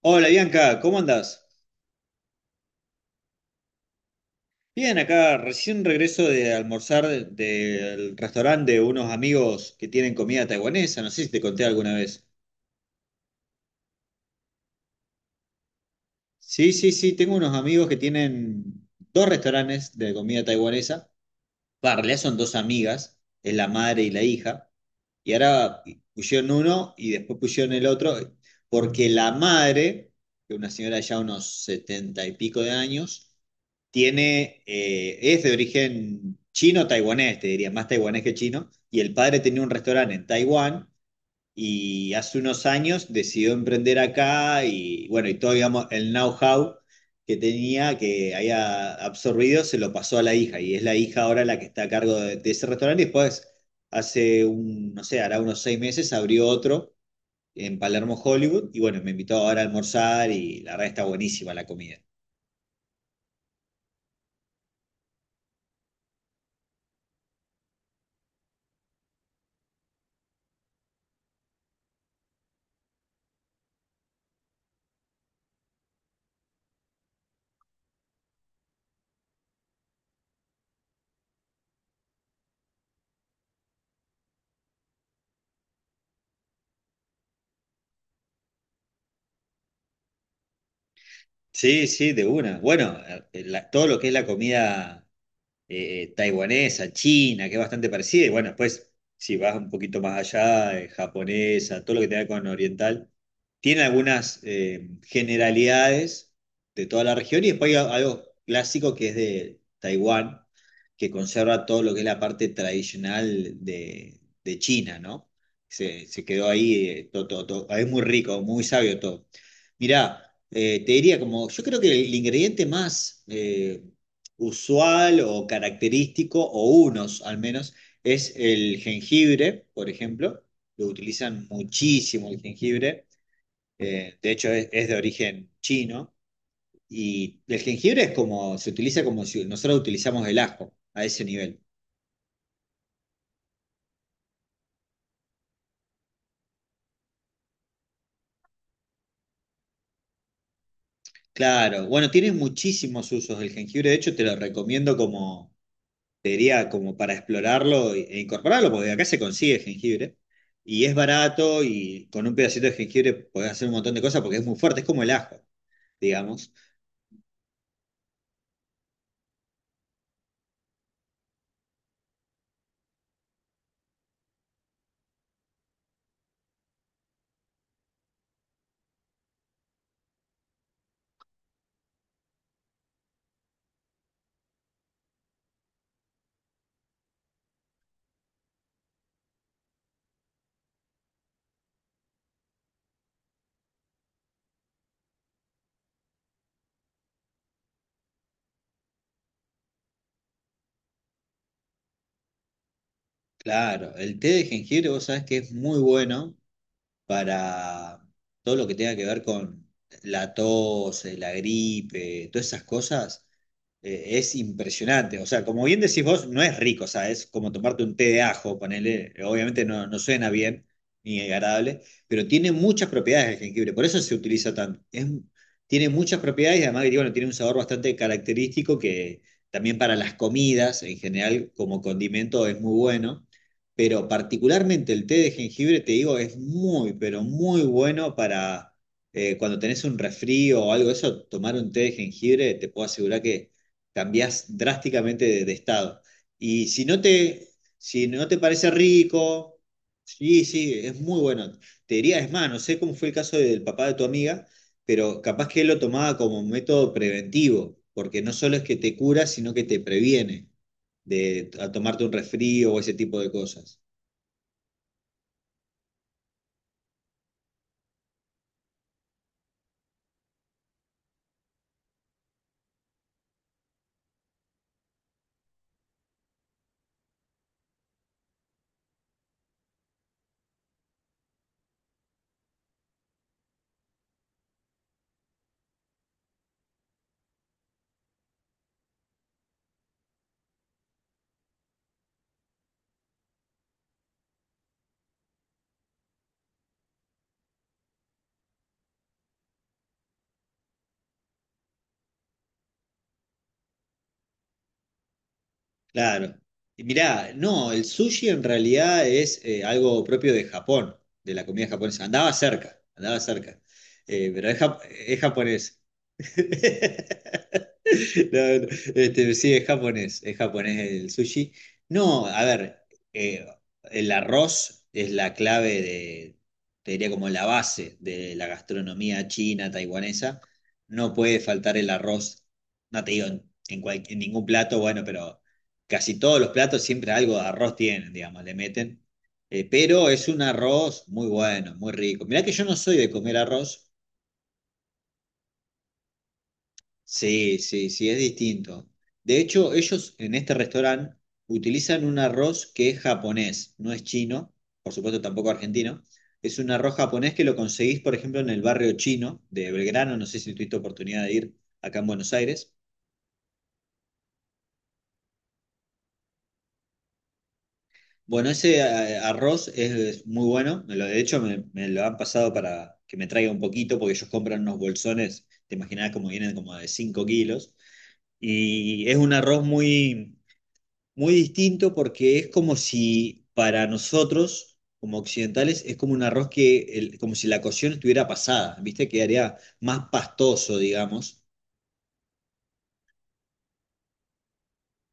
Hola Bianca, ¿cómo andás? Bien, acá recién regreso de almorzar del restaurante de unos amigos que tienen comida taiwanesa, no sé si te conté alguna vez. Sí, sí, sí, tengo unos amigos que tienen dos restaurantes de comida taiwanesa va, en realidad son dos amigas, es la madre y la hija, y ahora pusieron uno y después pusieron el otro, porque la madre, que es una señora ya unos setenta y pico de años, es de origen chino-taiwanés, te diría, más taiwanés que chino, y el padre tenía un restaurante en Taiwán y hace unos años decidió emprender acá y bueno, y todo, digamos, el know-how que tenía, que había absorbido, se lo pasó a la hija y es la hija ahora la que está a cargo de ese restaurante y después hace un, no sé, hará unos 6 meses abrió otro en Palermo, Hollywood y bueno, me invitó ahora a almorzar y la verdad está buenísima la comida. Sí, sí, de una. Bueno, todo lo que es la comida taiwanesa, china, que es bastante parecida, y bueno, después, si vas un poquito más allá, japonesa, todo lo que tenga que ver con oriental, tiene algunas generalidades de toda la región, y después hay algo clásico que es de Taiwán, que conserva todo lo que es la parte tradicional de China, ¿no? Se quedó ahí, todo, todo, todo. Ah, es muy rico, muy sabio todo. Mirá, te diría como, yo creo que el ingrediente más usual o característico, o unos al menos, es el jengibre, por ejemplo. Lo utilizan muchísimo el jengibre. De hecho, es de origen chino. Y el jengibre es como, se utiliza como si nosotros utilizamos el ajo a ese nivel. Claro, bueno, tiene muchísimos usos el jengibre. De hecho, te lo recomiendo como sería como para explorarlo e incorporarlo, porque acá se consigue jengibre y es barato y con un pedacito de jengibre podés hacer un montón de cosas porque es muy fuerte, es como el ajo, digamos. Claro, el té de jengibre vos sabés que es muy bueno para todo lo que tenga que ver con la tos, la gripe, todas esas cosas. Es impresionante. O sea, como bien decís vos, no es rico, o sea, es como tomarte un té de ajo, ponele, obviamente no suena bien ni agradable, pero tiene muchas propiedades el jengibre, por eso se utiliza tanto. Tiene muchas propiedades y además que, bueno, tiene un sabor bastante característico que también para las comidas en general como condimento es muy bueno. Pero particularmente el té de jengibre, te digo, es muy, pero muy bueno para cuando tenés un resfrío o algo de eso, tomar un té de jengibre, te puedo asegurar que cambiás drásticamente de estado. Y si no te, si no te parece rico, sí, sí, es muy bueno. Te diría, es más, no sé cómo fue el caso del papá de tu amiga, pero capaz que él lo tomaba como un método preventivo, porque no solo es que te cura, sino que te previene de a tomarte un resfrío o ese tipo de cosas. Claro. Y mirá, no, el sushi en realidad es algo propio de Japón, de la comida japonesa. Andaba cerca, pero es japonés. No, no, este, sí, es japonés el sushi. No, a ver, eh, el arroz es la clave de, te diría como la base de la gastronomía china, taiwanesa. No puede faltar el arroz, no te digo en ningún plato, bueno, pero casi todos los platos siempre algo de arroz tienen, digamos, le meten. Pero es un arroz muy bueno, muy rico. Mirá que yo no soy de comer arroz. Sí, sí, sí, es distinto. De hecho, ellos en este restaurante utilizan un arroz que es japonés, no es chino, por supuesto tampoco argentino. Es un arroz japonés que lo conseguís, por ejemplo, en el barrio chino de Belgrano, no sé si tuviste oportunidad de ir acá en Buenos Aires. Bueno, ese arroz es muy bueno, de hecho me lo han pasado para que me traiga un poquito, porque ellos compran unos bolsones, te imaginás como vienen como de 5 kilos. Y es un arroz muy muy distinto porque es como si para nosotros, como occidentales, es como un arroz que, como si la cocción estuviera pasada, ¿viste? Quedaría más pastoso, digamos.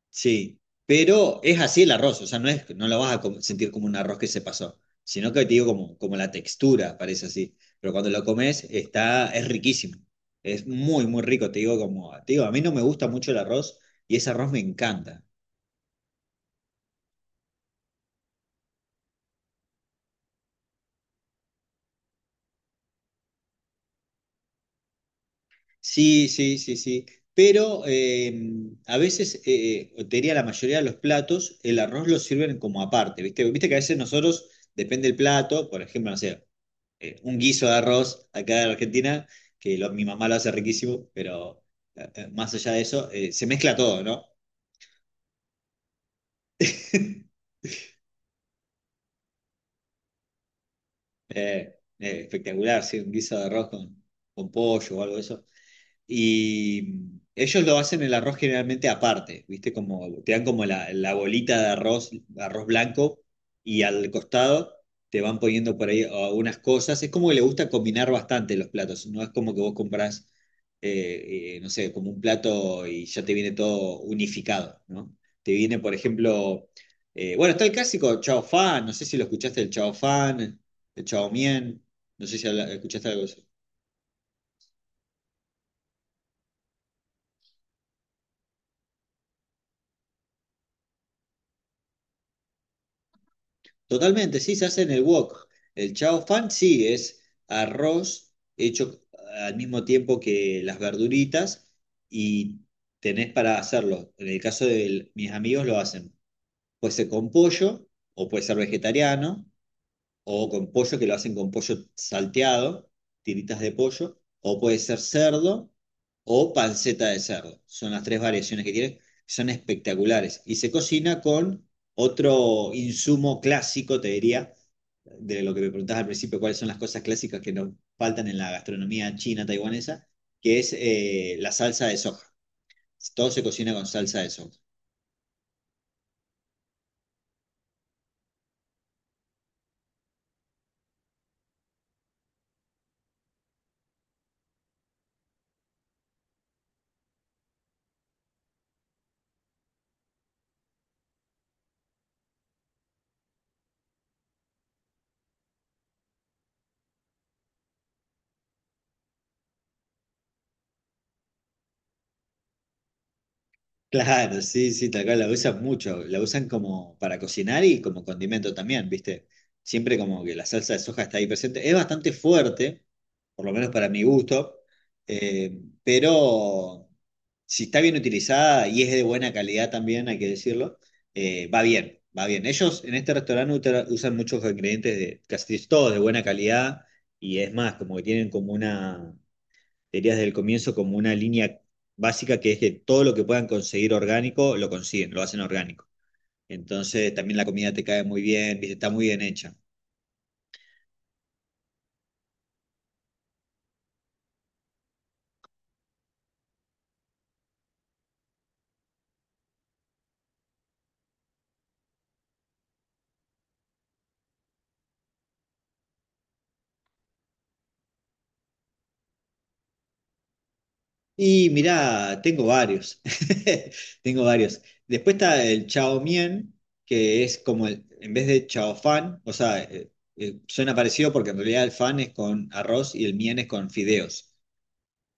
Sí. Pero es así el arroz, o sea, no es, no lo vas a sentir como un arroz que se pasó, sino que te digo como, como la textura, parece así. Pero cuando lo comes, está, es riquísimo. Es muy, muy rico, te digo como, te digo, a mí no me gusta mucho el arroz y ese arroz me encanta. Sí, sí, sí, sí. Pero a veces, o te diría la mayoría de los platos, el arroz lo sirven como aparte, ¿viste? Viste que a veces nosotros, depende del plato, por ejemplo, no sé, un guiso de arroz acá en Argentina, que mi mamá lo hace riquísimo, pero más allá de eso, se mezcla todo, ¿no? Espectacular, sí, un guiso de arroz con pollo o algo de eso. Y ellos lo hacen el arroz generalmente aparte, ¿viste? Como, te dan como la bolita de arroz, arroz blanco, y al costado te van poniendo por ahí algunas cosas. Es como que le gusta combinar bastante los platos, no es como que vos comprás, no sé, como un plato y ya te viene todo unificado, ¿no? Te viene, por ejemplo, bueno, está el clásico chao fan, no sé si lo escuchaste, el chao fan, el chao mien, no sé si escuchaste algo de eso. Totalmente, sí, se hace en el wok. El chao fan sí es arroz hecho al mismo tiempo que las verduritas y tenés para hacerlo. En el caso de mis amigos lo hacen. Puede ser con pollo o puede ser vegetariano o con pollo, que lo hacen con pollo salteado, tiritas de pollo, o puede ser cerdo o panceta de cerdo. Son las tres variaciones que tiene, son espectaculares. Y se cocina con otro insumo clásico, te diría, de lo que me preguntabas al principio, cuáles son las cosas clásicas que nos faltan en la gastronomía china taiwanesa, que es la salsa de soja. Todo se cocina con salsa de soja. Claro, sí, sí, tal cual, la usan mucho, la usan como para cocinar y como condimento también, ¿viste? Siempre como que la salsa de soja está ahí presente. Es bastante fuerte, por lo menos para mi gusto, eh, pero si está bien utilizada y es de buena calidad también, hay que decirlo, va bien, va bien. Ellos en este restaurante usan muchos ingredientes de casi todos de buena calidad y es más, como que tienen como una diría desde el comienzo como una línea básica que es que todo lo que puedan conseguir orgánico lo consiguen, lo hacen orgánico. Entonces también la comida te cae muy bien, ¿viste? Está muy bien hecha. Y mirá, tengo varios, tengo varios. Después está el chao mien, que es como el, en vez de chao fan, o sea, suena parecido porque en realidad el fan es con arroz y el mien es con fideos.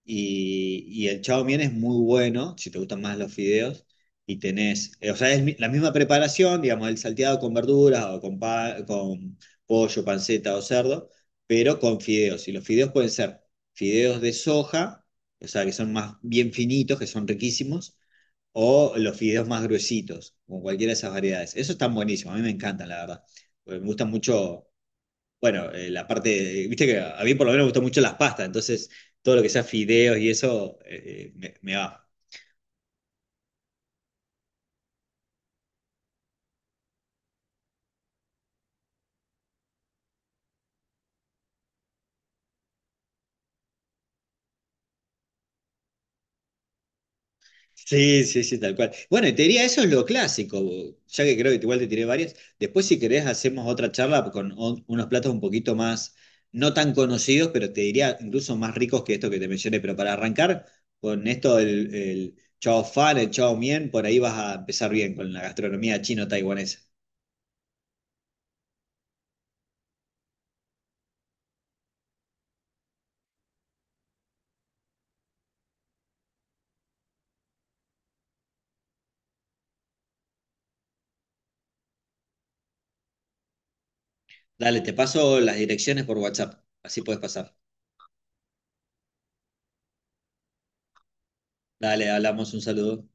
Y el chao mien es muy bueno, si te gustan más los fideos, y tenés, o sea, es la misma preparación, digamos, el salteado con verduras o con pollo, panceta o cerdo, pero con fideos. Y los fideos pueden ser fideos de soja, o sea, que son más bien finitos, que son riquísimos, o los fideos más gruesitos, con cualquiera de esas variedades. Esos están buenísimos, a mí me encantan, la verdad, porque me gustan mucho bueno, la parte, viste que a mí por lo menos me gustan mucho las pastas, entonces todo lo que sea fideos y eso me va. Sí, sí, sí, tal cual. Bueno, y te diría, eso es lo clásico, ya que creo que igual te tiré varias. Después, si querés, hacemos otra charla con unos platos un poquito más, no tan conocidos, pero te diría incluso más ricos que esto que te mencioné. Pero para arrancar con esto del el chao fan, el chao mien, por ahí vas a empezar bien con la gastronomía chino-taiwanesa. Dale, te paso las direcciones por WhatsApp, así puedes pasar. Dale, hablamos, un saludo.